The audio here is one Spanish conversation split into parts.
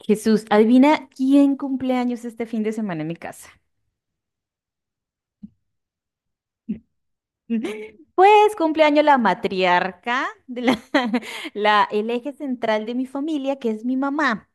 Jesús, adivina quién cumple años este fin de semana en mi casa. Pues cumpleaños la matriarca, el eje central de mi familia, que es mi mamá.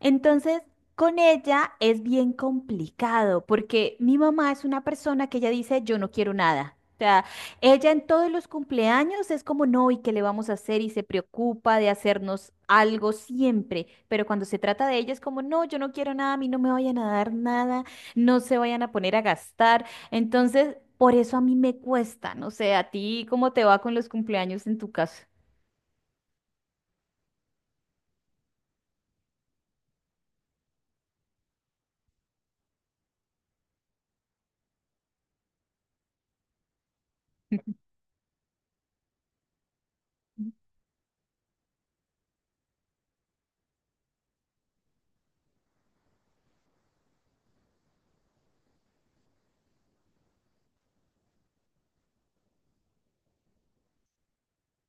Entonces, con ella es bien complicado porque mi mamá es una persona que ella dice, yo no quiero nada. O sea, ella en todos los cumpleaños es como, no, ¿y qué le vamos a hacer? Y se preocupa de hacernos algo siempre. Pero cuando se trata de ella es como, no, yo no quiero nada, a mí no me vayan a dar nada, no se vayan a poner a gastar. Entonces, por eso a mí me cuesta. No sé, ¿a ti cómo te va con los cumpleaños en tu caso?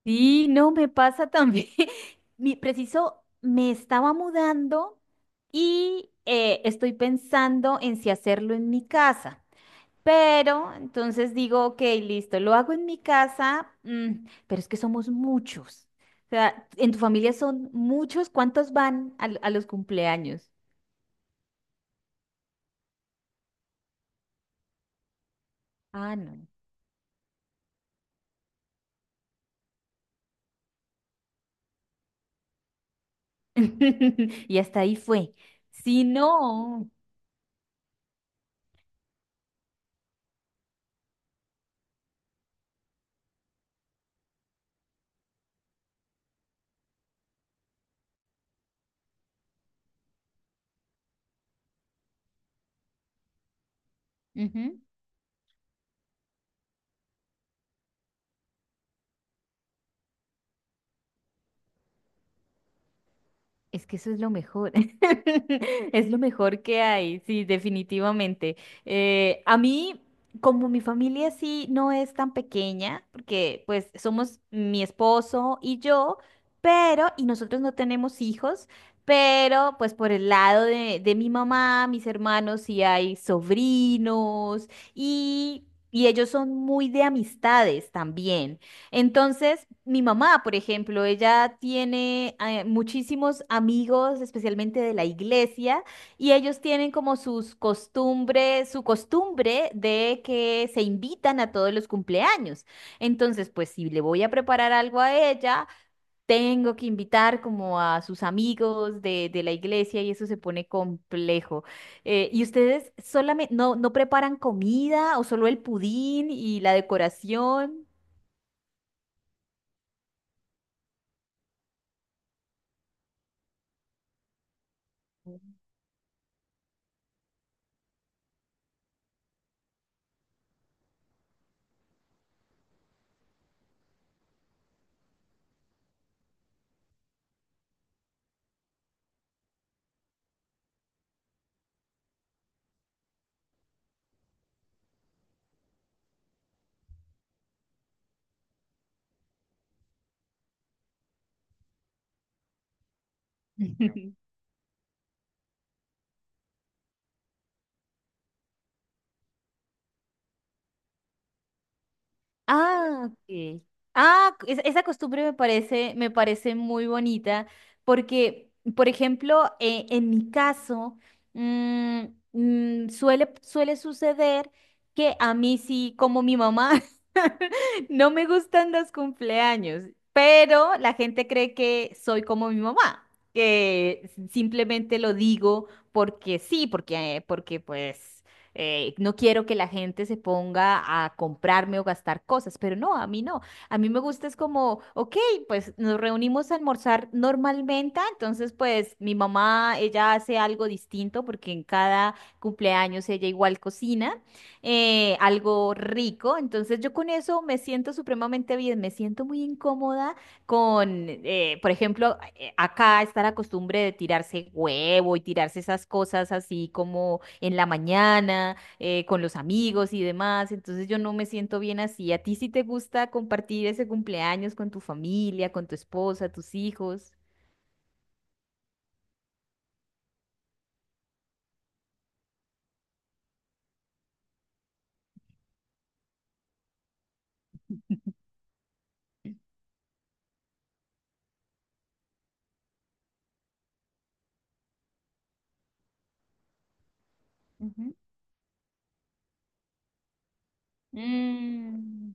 Sí, no, me pasa también. Mi preciso, me estaba mudando y estoy pensando en si hacerlo en mi casa. Pero entonces digo, ok, listo, lo hago en mi casa, mm, pero es que somos muchos. O sea, en tu familia son muchos, ¿cuántos van a los cumpleaños? Ah, no. Y hasta ahí fue. Si no. Ujú. Es que eso es lo mejor, es lo mejor que hay, sí, definitivamente. A mí, como mi familia sí no es tan pequeña, porque pues somos mi esposo y yo, pero, y nosotros no tenemos hijos, pero pues por el lado de mi mamá, mis hermanos sí hay sobrinos y, y ellos son muy de amistades también. Entonces, mi mamá, por ejemplo, ella tiene muchísimos amigos, especialmente de la iglesia, y ellos tienen como sus costumbres, su costumbre de que se invitan a todos los cumpleaños. Entonces, pues si le voy a preparar algo a ella, tengo que invitar como a sus amigos de la iglesia y eso se pone complejo. ¿Y ustedes solamente no, no preparan comida o solo el pudín y la decoración? Ah, ok. Ah, esa costumbre me parece muy bonita porque, por ejemplo, en mi caso, mm, suele suceder que a mí sí, como mi mamá, no me gustan los cumpleaños, pero la gente cree que soy como mi mamá, que simplemente lo digo porque sí, porque pues no quiero que la gente se ponga a comprarme o gastar cosas, pero no, a mí no. A mí me gusta es como, ok, pues nos reunimos a almorzar normalmente, entonces pues mi mamá, ella hace algo distinto porque en cada cumpleaños ella igual cocina algo rico, entonces yo con eso me siento supremamente bien, me siento muy incómoda por ejemplo, acá está la costumbre de tirarse huevo y tirarse esas cosas así como en la mañana, con los amigos y demás. Entonces yo no me siento bien así. ¿A ti sí te gusta compartir ese cumpleaños con tu familia, con tu esposa, tus hijos? Ujú. Mm,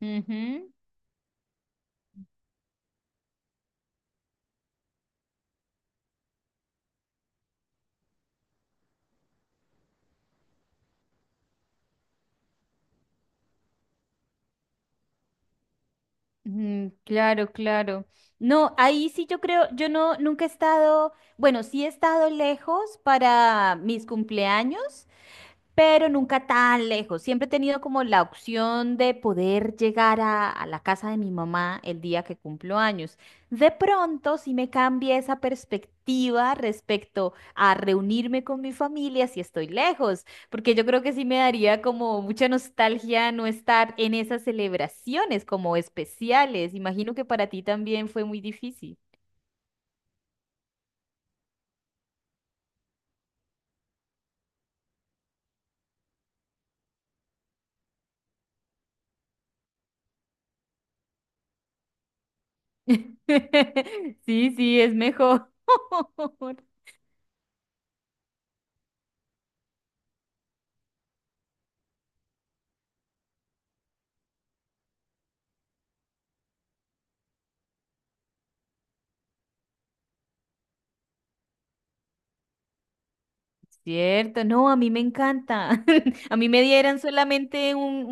ujú, mm, claro, claro. No, ahí sí yo creo, yo no, nunca he estado, bueno, sí he estado lejos para mis cumpleaños, pero nunca tan lejos. Siempre he tenido como la opción de poder llegar a la casa de mi mamá el día que cumplo años. De pronto, si me cambia esa perspectiva respecto a reunirme con mi familia si estoy lejos, porque yo creo que sí me daría como mucha nostalgia no estar en esas celebraciones como especiales. Imagino que para ti también fue muy difícil. Sí, sí, es mejor. Cierto, no, a mí me encanta. A mí me dieran solamente un,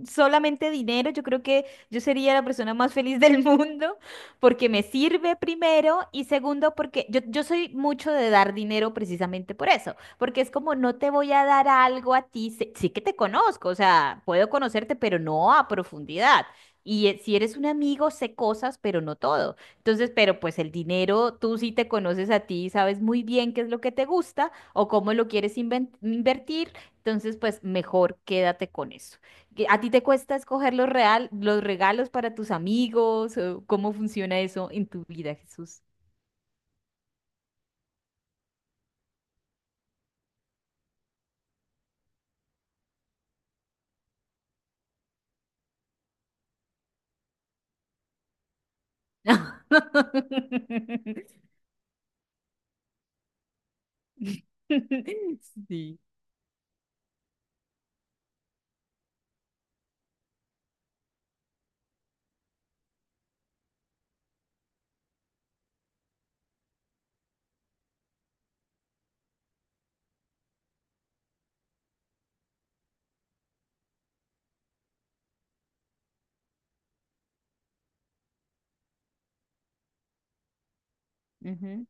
un- solamente dinero, yo creo que yo sería la persona más feliz del mundo porque me sirve primero y segundo porque yo soy mucho de dar dinero precisamente por eso, porque es como no te voy a dar algo a ti, sí, que te conozco, o sea, puedo conocerte, pero no a profundidad. Y si eres un amigo, sé cosas, pero no todo. Entonces, pero pues el dinero, tú sí te conoces a ti, sabes muy bien qué es lo que te gusta o cómo lo quieres invertir, entonces pues mejor quédate con eso. ¿A ti te cuesta escoger los regalos para tus amigos? ¿O cómo funciona eso en tu vida, Jesús? Sí. Ujú.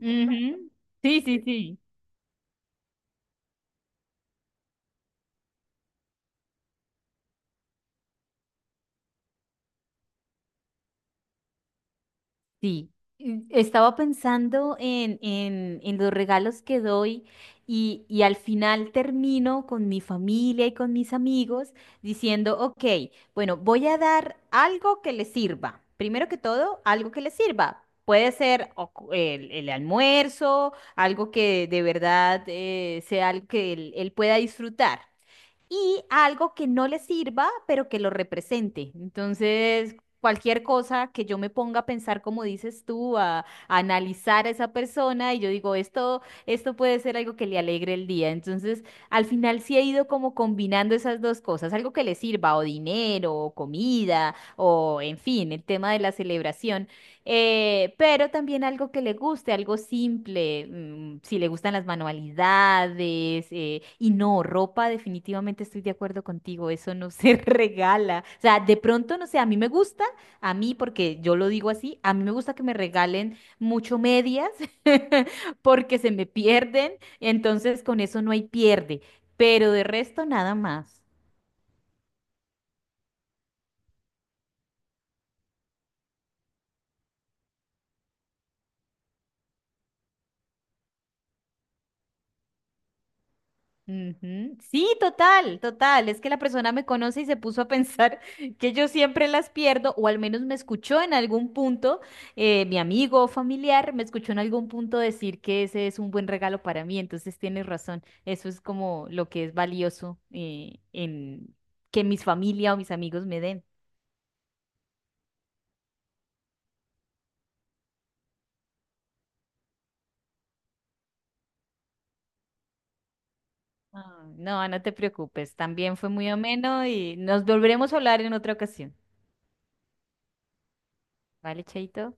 Ujú. Sí, sí, sí. Sí, y estaba pensando en los regalos que doy y al final termino con mi familia y con mis amigos diciendo, ok, bueno, voy a dar algo que les sirva. Primero que todo, algo que les sirva. Puede ser o el almuerzo, algo que de verdad sea algo que él pueda disfrutar y algo que no le sirva, pero que lo represente. Entonces, cualquier cosa que yo me ponga a pensar, como dices tú, a analizar a esa persona y yo digo, esto puede ser algo que le alegre el día. Entonces, al final sí he ido como combinando esas dos cosas, algo que le sirva, o dinero, o comida, o en fin, el tema de la celebración pero también algo que le guste, algo simple, mm, si le gustan las manualidades, y no, ropa, definitivamente estoy de acuerdo contigo, eso no se regala. O sea, de pronto, no sé, a mí me gusta, a mí, porque yo lo digo así, a mí me gusta que me regalen mucho medias, porque se me pierden, entonces con eso no hay pierde, pero de resto nada más. Ujú. Sí, total, total. Es que la persona me conoce y se puso a pensar que yo siempre las pierdo, o al menos me escuchó en algún punto, mi amigo o familiar me escuchó en algún punto decir que ese es un buen regalo para mí. Entonces tienes razón. Eso es como lo que es valioso en que mis familia o mis amigos me den. Ah, no, no te preocupes. También fue muy ameno y nos volveremos a hablar en otra ocasión. ¿Vale, Chaito?